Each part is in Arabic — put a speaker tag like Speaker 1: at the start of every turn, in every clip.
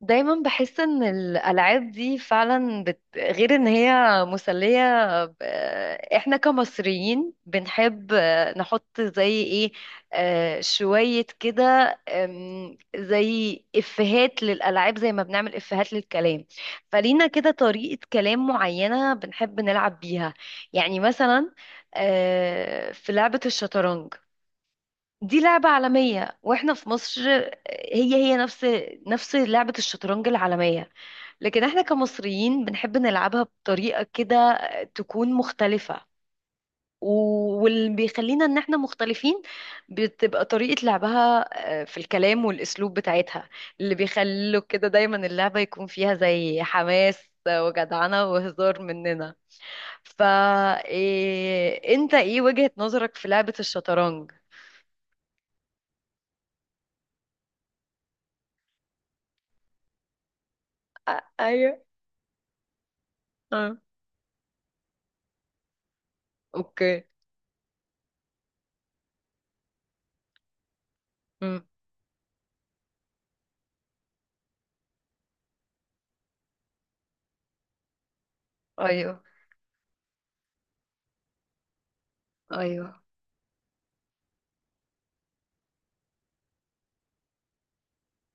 Speaker 1: دايما بحس ان الالعاب دي فعلا غير ان هي مسليه ب... احنا كمصريين بنحب، نحط زي ايه، شويه كده. زي افيهات للالعاب زي ما بنعمل افيهات للكلام. فلينا كده طريقه كلام معينه بنحب نلعب بيها. يعني مثلا، في لعبه الشطرنج. دي لعبة عالمية، واحنا في مصر هي نفس لعبة الشطرنج العالمية. لكن احنا كمصريين بنحب نلعبها بطريقة كده تكون مختلفة، واللي بيخلينا ان احنا مختلفين بتبقى طريقة لعبها، في الكلام والاسلوب بتاعتها، اللي بيخلوا كده دايما اللعبة يكون فيها زي حماس وجدعنة وهزار مننا. فا إيه، انت ايه وجهة نظرك في لعبة الشطرنج؟ ايوه. اوكي. امم. ايوه. ايوه.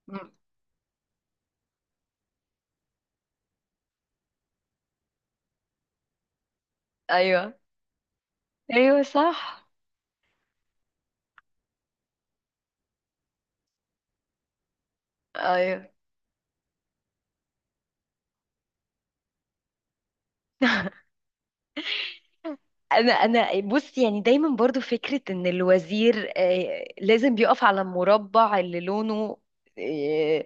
Speaker 1: امم. ايوه. ايوه صح. ايوه، انا بص. يعني دايما برضو فكرة ان الوزير، لازم بيقف على المربع اللي لونه آه،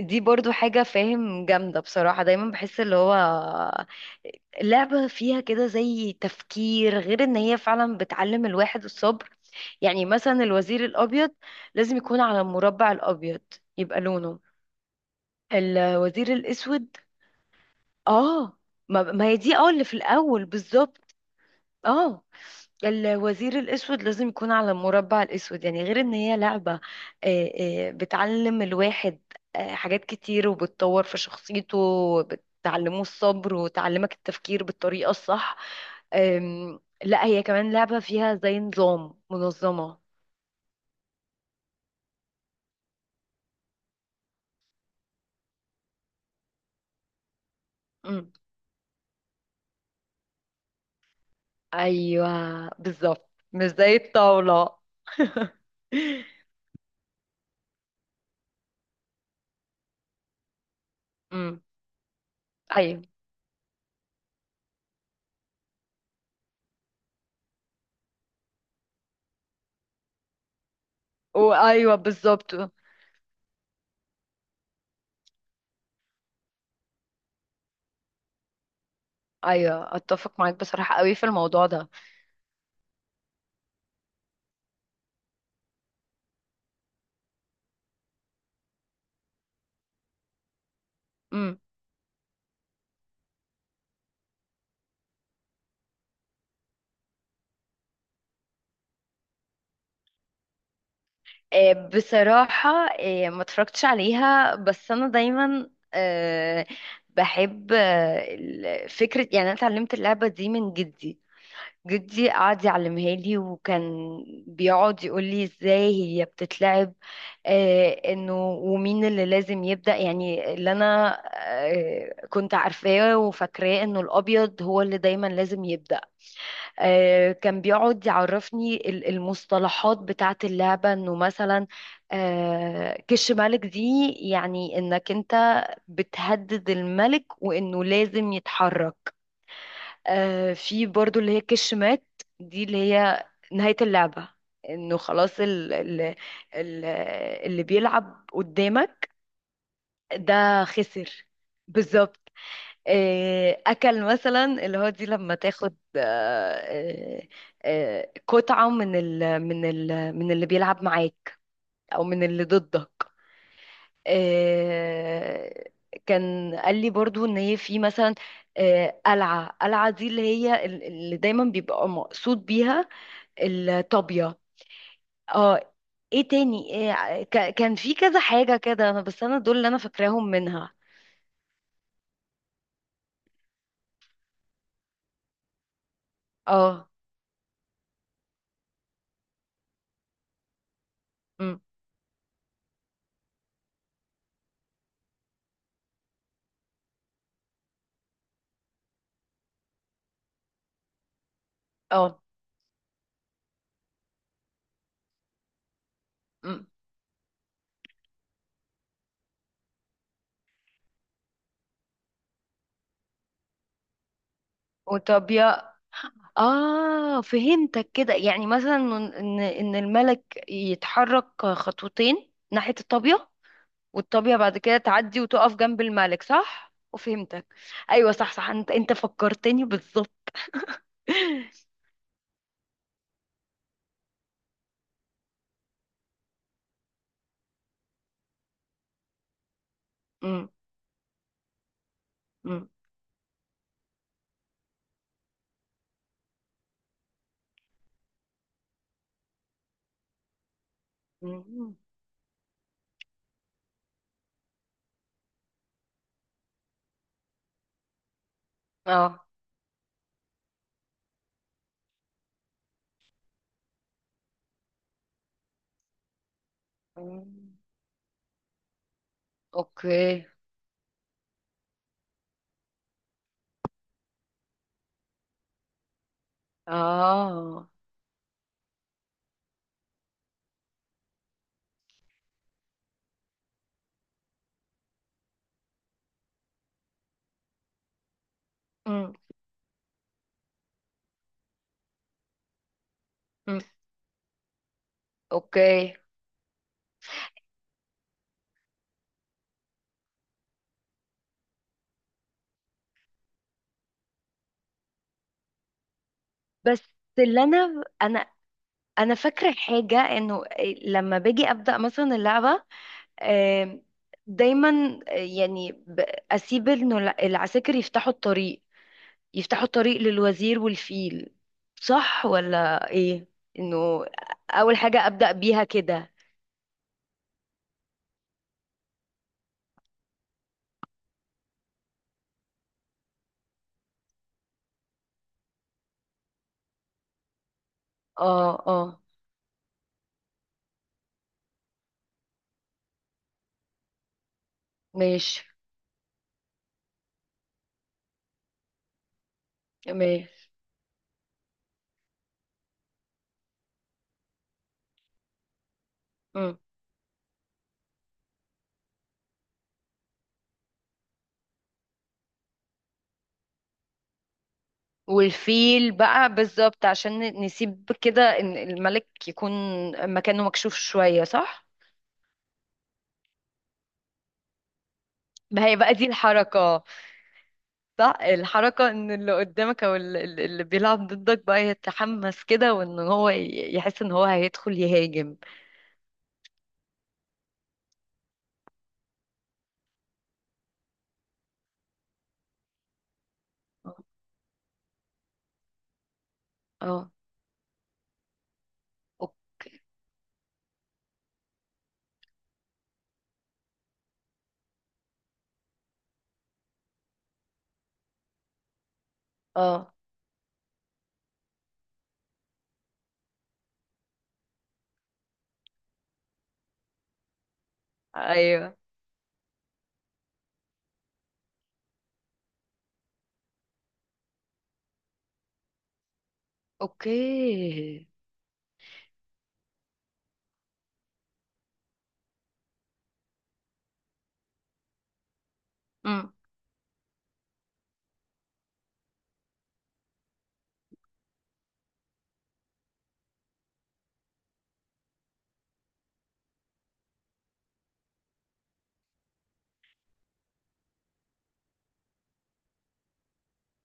Speaker 1: دي برضو حاجة، فاهم، جامدة بصراحة. دايما بحس اللي هو، لعبة فيها كده زي تفكير، غير ان هي فعلا بتعلم الواحد الصبر. يعني مثلا الوزير الابيض لازم يكون على المربع الابيض، يبقى لونه الوزير الاسود. اه. ما هي دي، اه، اللي في الاول بالظبط. اه. الوزير الاسود لازم يكون على المربع الاسود. يعني غير ان هي لعبة، بتعلم الواحد حاجات كتير، وبتطور في شخصيته وبتعلمه الصبر وتعلمك التفكير بالطريقة الصح. لا، هي كمان لعبة فيها زي نظام منظمة. مم. ايوه، بالظبط، مش زي الطاولة. مم. ايوه. وايوه، بالظبط. ايوه، اتفق معاك بصراحه قوي في الموضوع ده. امم. بصراحه، ما اتفرجتش عليها، بس انا دايما بحب، فكره، يعني انا اتعلمت اللعبه دي من جدي. جدي قعد يعلمها لي، وكان بيقعد يقول لي ازاي هي بتتلعب. انه ومين اللي لازم يبدأ، يعني اللي انا، كنت عارفاه وفاكراه انه الابيض هو اللي دايما لازم يبدأ. كان بيقعد يعرفني المصطلحات بتاعت اللعبة، انه مثلا، كش ملك، دي يعني انك انت بتهدد الملك، وانه لازم يتحرك. في برضو اللي هي كش مات. دي اللي هي نهاية اللعبة، انه خلاص ال اللي بيلعب قدامك ده خسر. بالظبط. اكل، مثلا اللي هو دي لما تاخد، قطعة من ال من ال من اللي بيلعب معاك، او من اللي ضدك. آه، كان قال لي برضو ان هي في مثلا، قلعة دي اللي هي اللي دايما بيبقى مقصود بيها الطابية. اه، ايه تاني؟ إيه، كان في كذا حاجة كده، انا بس انا دول اللي انا فاكراهم منها. اه. أم. اه. أم. وطابية. اه، فهمتك كده، يعني مثلا ان الملك يتحرك خطوتين ناحية الطابية، والطابية بعد كده تعدي وتقف جنب الملك، صح؟ وفهمتك. ايوه، صح، صح، انت انت فكرتني بالظبط. أمم. أمم. أمم. اه. أمم. اوكي. اه. أمم. أمم. اوكي. بس اللي انا انا فاكره حاجه، انه إيه، لما باجي ابدا مثلا اللعبه، آم، دايما يعني اسيب انه العساكر يفتحوا الطريق، يفتحوا الطريق للوزير والفيل، صح ولا ايه؟ انه اول حاجة ابدأ بيها كده. اه، اه. ماشي. ماشي. مم. والفيل بقى، بالظبط، عشان نسيب كده ان الملك يكون مكانه مكشوف شوية، صح؟ ما هي بقى دي الحركة. صح، الحركة ان اللي قدامك، او اللي بيلعب ضدك بقى، يتحمس كده، وان هو يحس ان هو هيدخل يهاجم. اه. اوكي. اه. ايوه. اوكي. امم.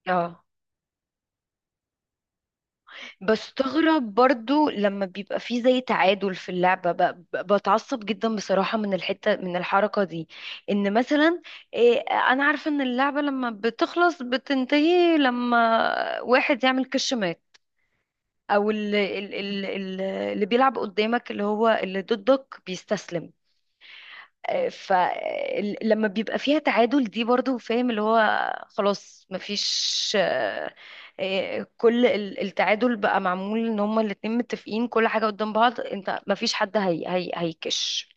Speaker 1: اه، بستغرب برضو لما بيبقى فيه زي تعادل في اللعبة، بتعصب جدا بصراحة من الحتة، من الحركة دي. ان مثلا، إيه، انا عارفة ان اللعبة لما بتخلص بتنتهي لما واحد يعمل كش مات، او اللي بيلعب قدامك، اللي هو اللي ضدك، بيستسلم. فلما بيبقى فيها تعادل دي، برضو، فاهم، اللي هو خلاص مفيش كل التعادل بقى معمول ان هما الاتنين متفقين كل حاجة قدام بعض، انت مفيش حد، هي هيكش.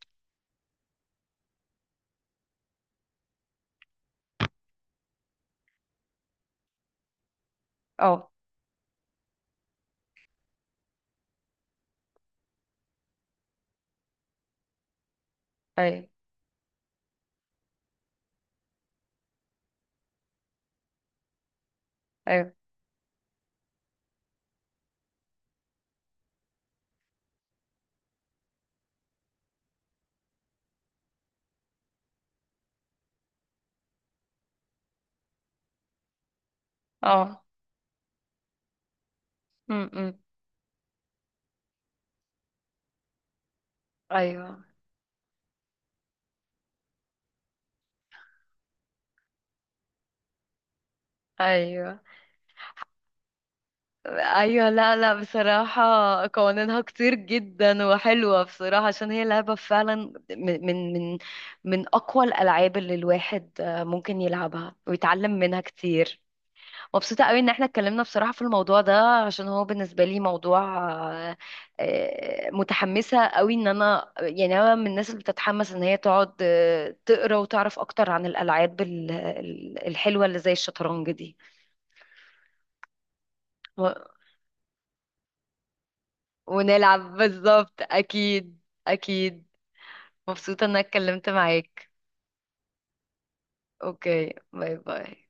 Speaker 1: اه. ايوه. ايوه. اه. م-. م. ايوه. ايوه. ايوه، لا لا، بصراحة، قوانينها كتير جدا وحلوة بصراحة، عشان هي لعبة فعلا من اقوى الالعاب اللي الواحد ممكن يلعبها ويتعلم منها كتير. مبسوطة قوي ان احنا اتكلمنا بصراحة في الموضوع ده، عشان هو بالنسبة لي موضوع، آه، متحمسة قوي ان انا، يعني انا من الناس اللي بتتحمس ان هي تقعد تقرا وتعرف اكتر عن الالعاب، الحلوة اللي زي الشطرنج دي. ونلعب بالظبط، اكيد. اكيد. مبسوطة ان انا اتكلمت معاك. اوكي، باي باي.